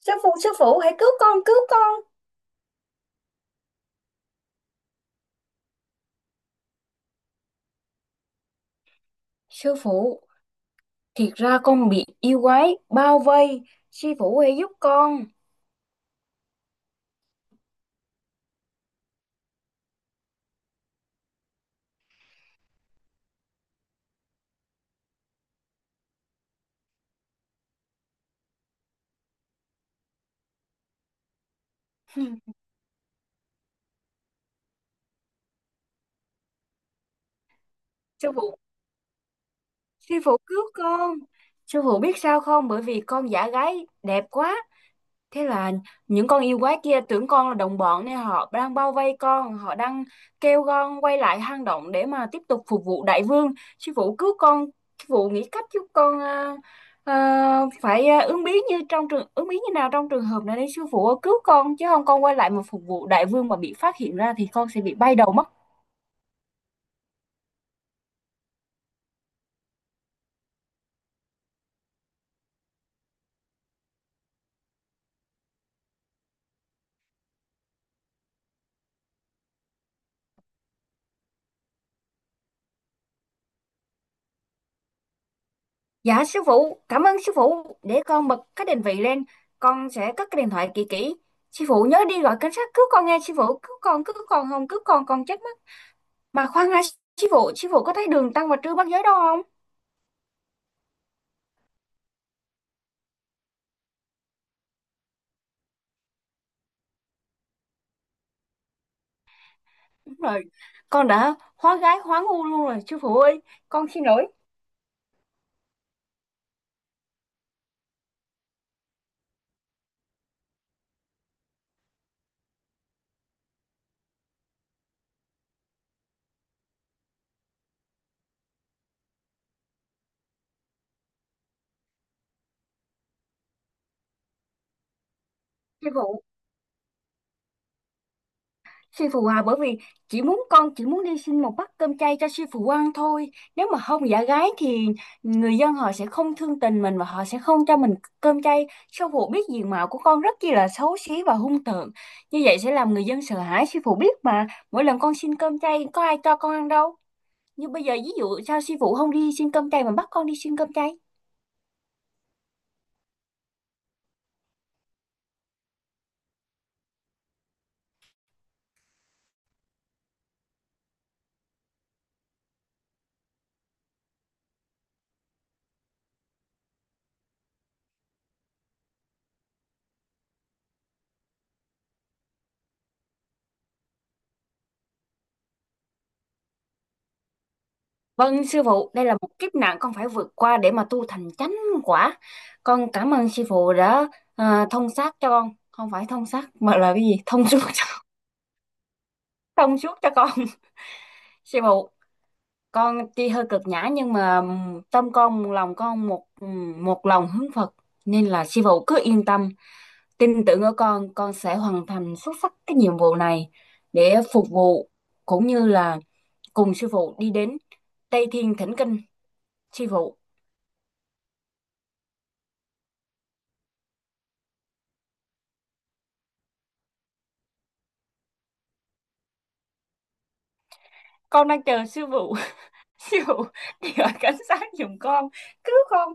Sư phụ, sư phụ, hãy cứu con, cứu con. Sư phụ, thiệt ra con bị yêu quái bao vây. Sư phụ hãy giúp con. Sư phụ, sư phụ cứu con. Sư phụ biết sao không? Bởi vì con giả gái đẹp quá. Thế là những con yêu quái kia tưởng con là đồng bọn nên họ đang bao vây con, họ đang kêu con quay lại hang động để mà tiếp tục phục vụ đại vương. Sư phụ cứu con, sư phụ nghĩ cách giúp con à, phải à, ứng biến như nào trong trường hợp này để sư phụ cứu con, chứ không con quay lại mà phục vụ đại vương mà bị phát hiện ra thì con sẽ bị bay đầu mất. Dạ sư phụ, cảm ơn sư phụ. Để con bật cái định vị lên, con sẽ cất cái điện thoại kỹ kỹ. Sư phụ nhớ đi gọi cảnh sát cứu con, nghe sư phụ? Cứu con, cứu con không, cứu con chết mất. Mà khoan đã, chị phụ có thấy Đường Tăng và Trư Bắt Giới đâu không? Đúng rồi, con đã hóa gái hóa ngu luôn rồi, sư phụ ơi, con xin lỗi, sư phụ. Sư phụ à, bởi vì chỉ muốn đi xin một bát cơm chay cho sư phụ ăn thôi. Nếu mà không giả gái thì người dân họ sẽ không thương tình mình và họ sẽ không cho mình cơm chay. Sư phụ biết diện mạo của con rất chi là xấu xí và hung tợn. Như vậy sẽ làm người dân sợ hãi, sư phụ biết mà. Mỗi lần con xin cơm chay có ai cho con ăn đâu. Nhưng bây giờ ví dụ sao sư phụ không đi xin cơm chay mà bắt con đi xin cơm chay? Vâng sư phụ, đây là một kiếp nạn con phải vượt qua để mà tu thành chánh quả. Con cảm ơn sư phụ đã thông sát cho con, không phải thông sát mà là cái gì? Thông suốt cho con. Sư phụ, con tuy hơi cực nhã nhưng mà tâm con lòng con một một lòng hướng Phật, nên là sư phụ cứ yên tâm, tin tưởng ở con sẽ hoàn thành xuất sắc cái nhiệm vụ này để phục vụ cũng như là cùng sư phụ đi đến Tây Thiên Thỉnh Kinh, sư phụ. Con đang chờ sư phụ. Sư phụ đi gọi cảnh sát giùm con, cứu con.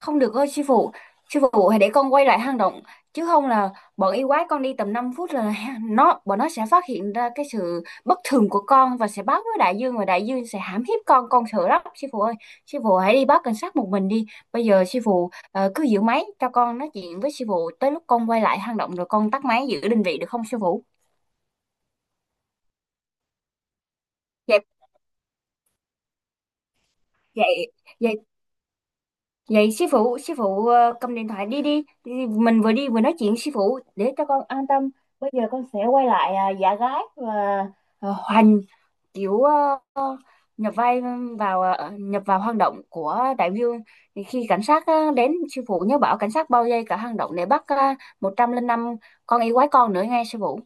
Không được ơi sư phụ, sư phụ hãy để con quay lại hang động, chứ không là bọn yêu quái, con đi tầm 5 phút là ha- nó bọn nó sẽ phát hiện ra cái sự bất thường của con và sẽ báo với đại dương, và đại dương sẽ hãm hiếp con sợ lắm sư phụ ơi. Sư phụ hãy đi báo cảnh sát một mình đi. Bây giờ sư phụ cứ giữ máy cho con nói chuyện với sư phụ tới lúc con quay lại hang động rồi con tắt máy, giữ định vị, được không sư phụ? Dạ, vậy vậy vậy sư phụ, sư phụ cầm điện thoại đi đi. Mình vừa đi vừa nói chuyện, sư phụ, để cho con an tâm. Bây giờ con sẽ quay lại, giả gái và hoành kiểu nhập vai vào nhập vào hang động của đại vương. Thì khi cảnh sát đến, sư phụ nhớ bảo cảnh sát bao vây cả hang động để bắt 105 con yêu quái, con nữa nghe sư phụ.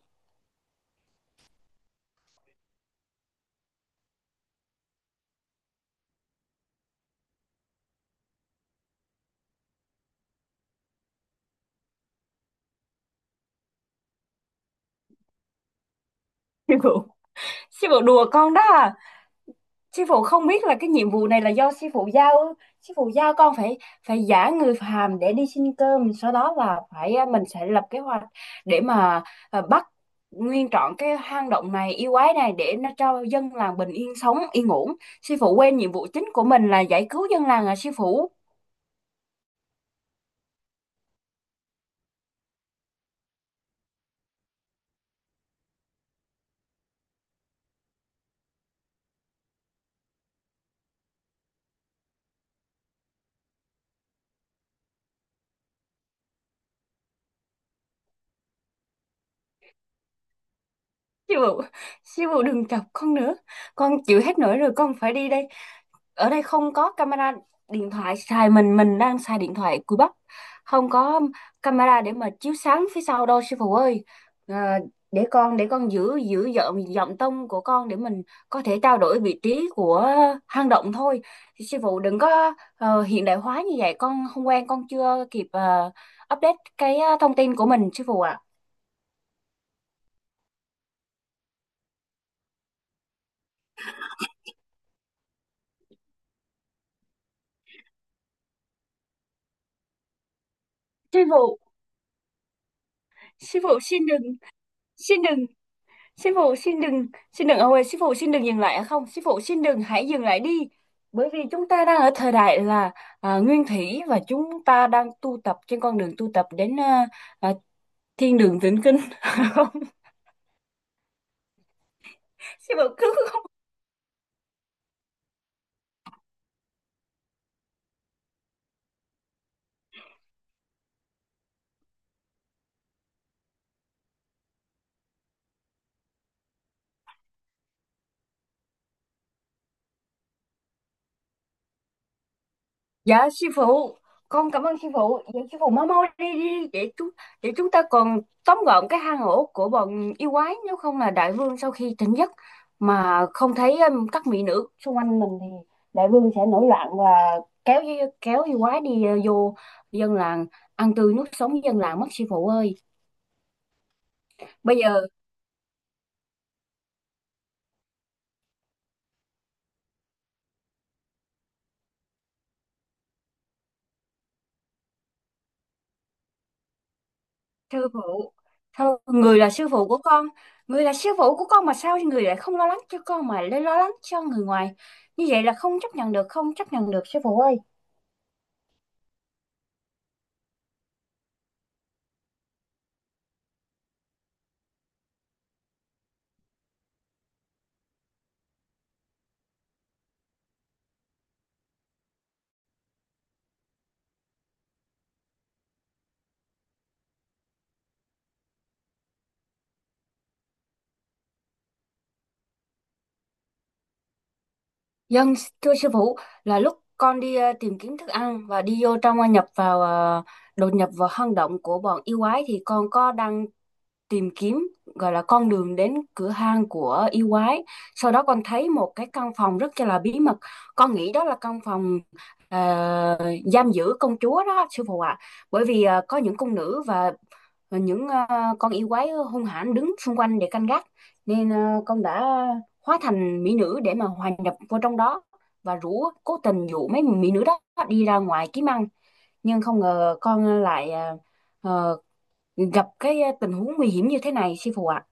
Sư phụ, sư phụ đùa con đó à? Sư phụ không biết là cái nhiệm vụ này là do sư phụ giao ư? Sư phụ giao con phải phải giả người phàm để đi xin cơm, sau đó là phải mình sẽ lập kế hoạch để mà bắt nguyên trọn cái hang động này, yêu quái này, để nó cho dân làng bình yên sống yên ổn. Sư phụ quên nhiệm vụ chính của mình là giải cứu dân làng à sư phụ? Siêu phụ, Siêu phụ đừng chọc con nữa. Con chịu hết nổi rồi, con phải đi đây. Ở đây không có camera điện thoại xài, mình đang xài điện thoại cùi bắp. Không có camera để mà chiếu sáng phía sau đâu sư phụ ơi. À, để con giữ giữ giọng giọng tông của con để mình có thể trao đổi vị trí của hang động thôi. Sư phụ đừng có hiện đại hóa như vậy, con không quen, con chưa kịp update cái thông tin của mình sư phụ ạ. Sư phụ, sư phụ xin đừng, xin đừng. Sư phụ xin đừng ông ơi, sư phụ xin đừng dừng lại ạ, không? Sư phụ xin đừng, hãy dừng lại đi. Bởi vì chúng ta đang ở thời đại là nguyên thủy, và chúng ta đang tu tập trên con đường tu tập đến à, thiên đường tịnh kinh. Không, sư phụ. Dạ sư phụ, con cảm ơn sư phụ. Dạ sư phụ mau mau đi đi để chúng ta còn tóm gọn cái hang ổ của bọn yêu quái, nếu không là đại vương sau khi tỉnh giấc mà không thấy các mỹ nữ xung quanh mình thì đại vương sẽ nổi loạn và kéo yêu quái đi vô dân làng, ăn tươi nuốt sống dân làng mất sư phụ ơi. Bây giờ, sư phụ, thôi người là sư phụ của con, người là sư phụ của con mà sao người lại không lo lắng cho con mà lại lo lắng cho người ngoài. Như vậy là không chấp nhận được, không chấp nhận được sư phụ ơi. Dân, thưa sư phụ, là lúc con đi tìm kiếm thức ăn và đi vô trong đột nhập vào hang động của bọn yêu quái, thì con có đang tìm kiếm, gọi là con đường đến cửa hang của yêu quái. Sau đó con thấy một cái căn phòng rất là bí mật. Con nghĩ đó là căn phòng ờ, giam giữ công chúa đó, sư phụ ạ. Bởi vì có những cung nữ và những con yêu quái hung hãn đứng xung quanh để canh gác. Nên con đã hóa thành mỹ nữ để mà hòa nhập vô trong đó và cố tình dụ mấy mỹ nữ đó đi ra ngoài kiếm ăn, nhưng không ngờ con lại ờ, gặp cái tình huống nguy hiểm như thế này sư phụ ạ.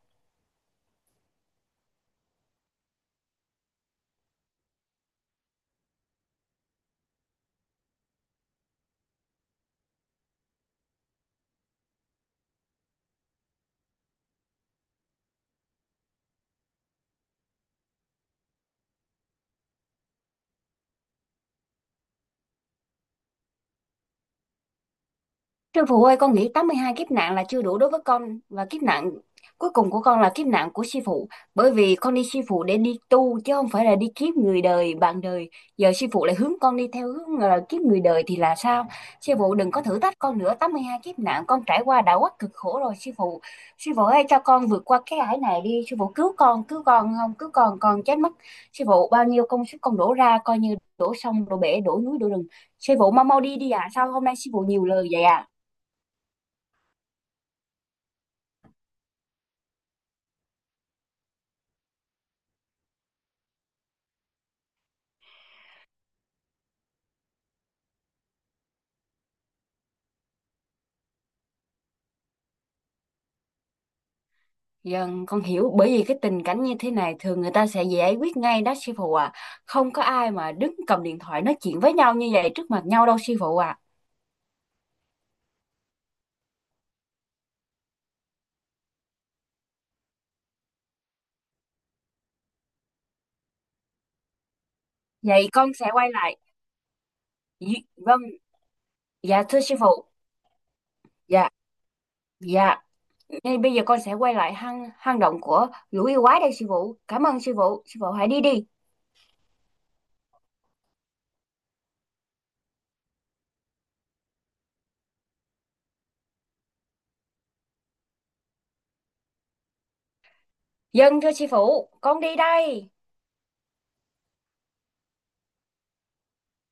Sư phụ ơi, con nghĩ 82 kiếp nạn là chưa đủ đối với con, và kiếp nạn cuối cùng của con là kiếp nạn của sư phụ. Bởi vì con đi sư phụ để đi tu chứ không phải là đi kiếp người đời, bạn đời. Giờ sư phụ lại hướng con đi theo hướng là kiếp người đời thì là sao? Sư phụ đừng có thử thách con nữa, 82 kiếp nạn con trải qua đã quá cực khổ rồi sư phụ. Sư phụ ơi, cho con vượt qua cái ải này đi sư phụ, cứu con, cứu con, không cứu con chết mất sư phụ. Bao nhiêu công sức con đổ ra coi như đổ sông đổ bể đổ núi đổ rừng, sư phụ mau mau đi đi ạ. Sao hôm nay sư phụ nhiều lời vậy ạ? Dân, con hiểu bởi vì cái tình cảnh như thế này thường người ta sẽ giải quyết ngay đó sư phụ à. Không có ai mà đứng cầm điện thoại nói chuyện với nhau như vậy trước mặt nhau đâu sư phụ à. Vậy con sẽ quay lại. Vâng, dạ thưa sư phụ. Dạ, dạ. Ngay bây giờ con sẽ quay lại hang hang động của lũ yêu quái đây sư phụ. Cảm ơn sư phụ. Sư phụ hãy đi đi. Dân thưa sư phụ, con đi đây.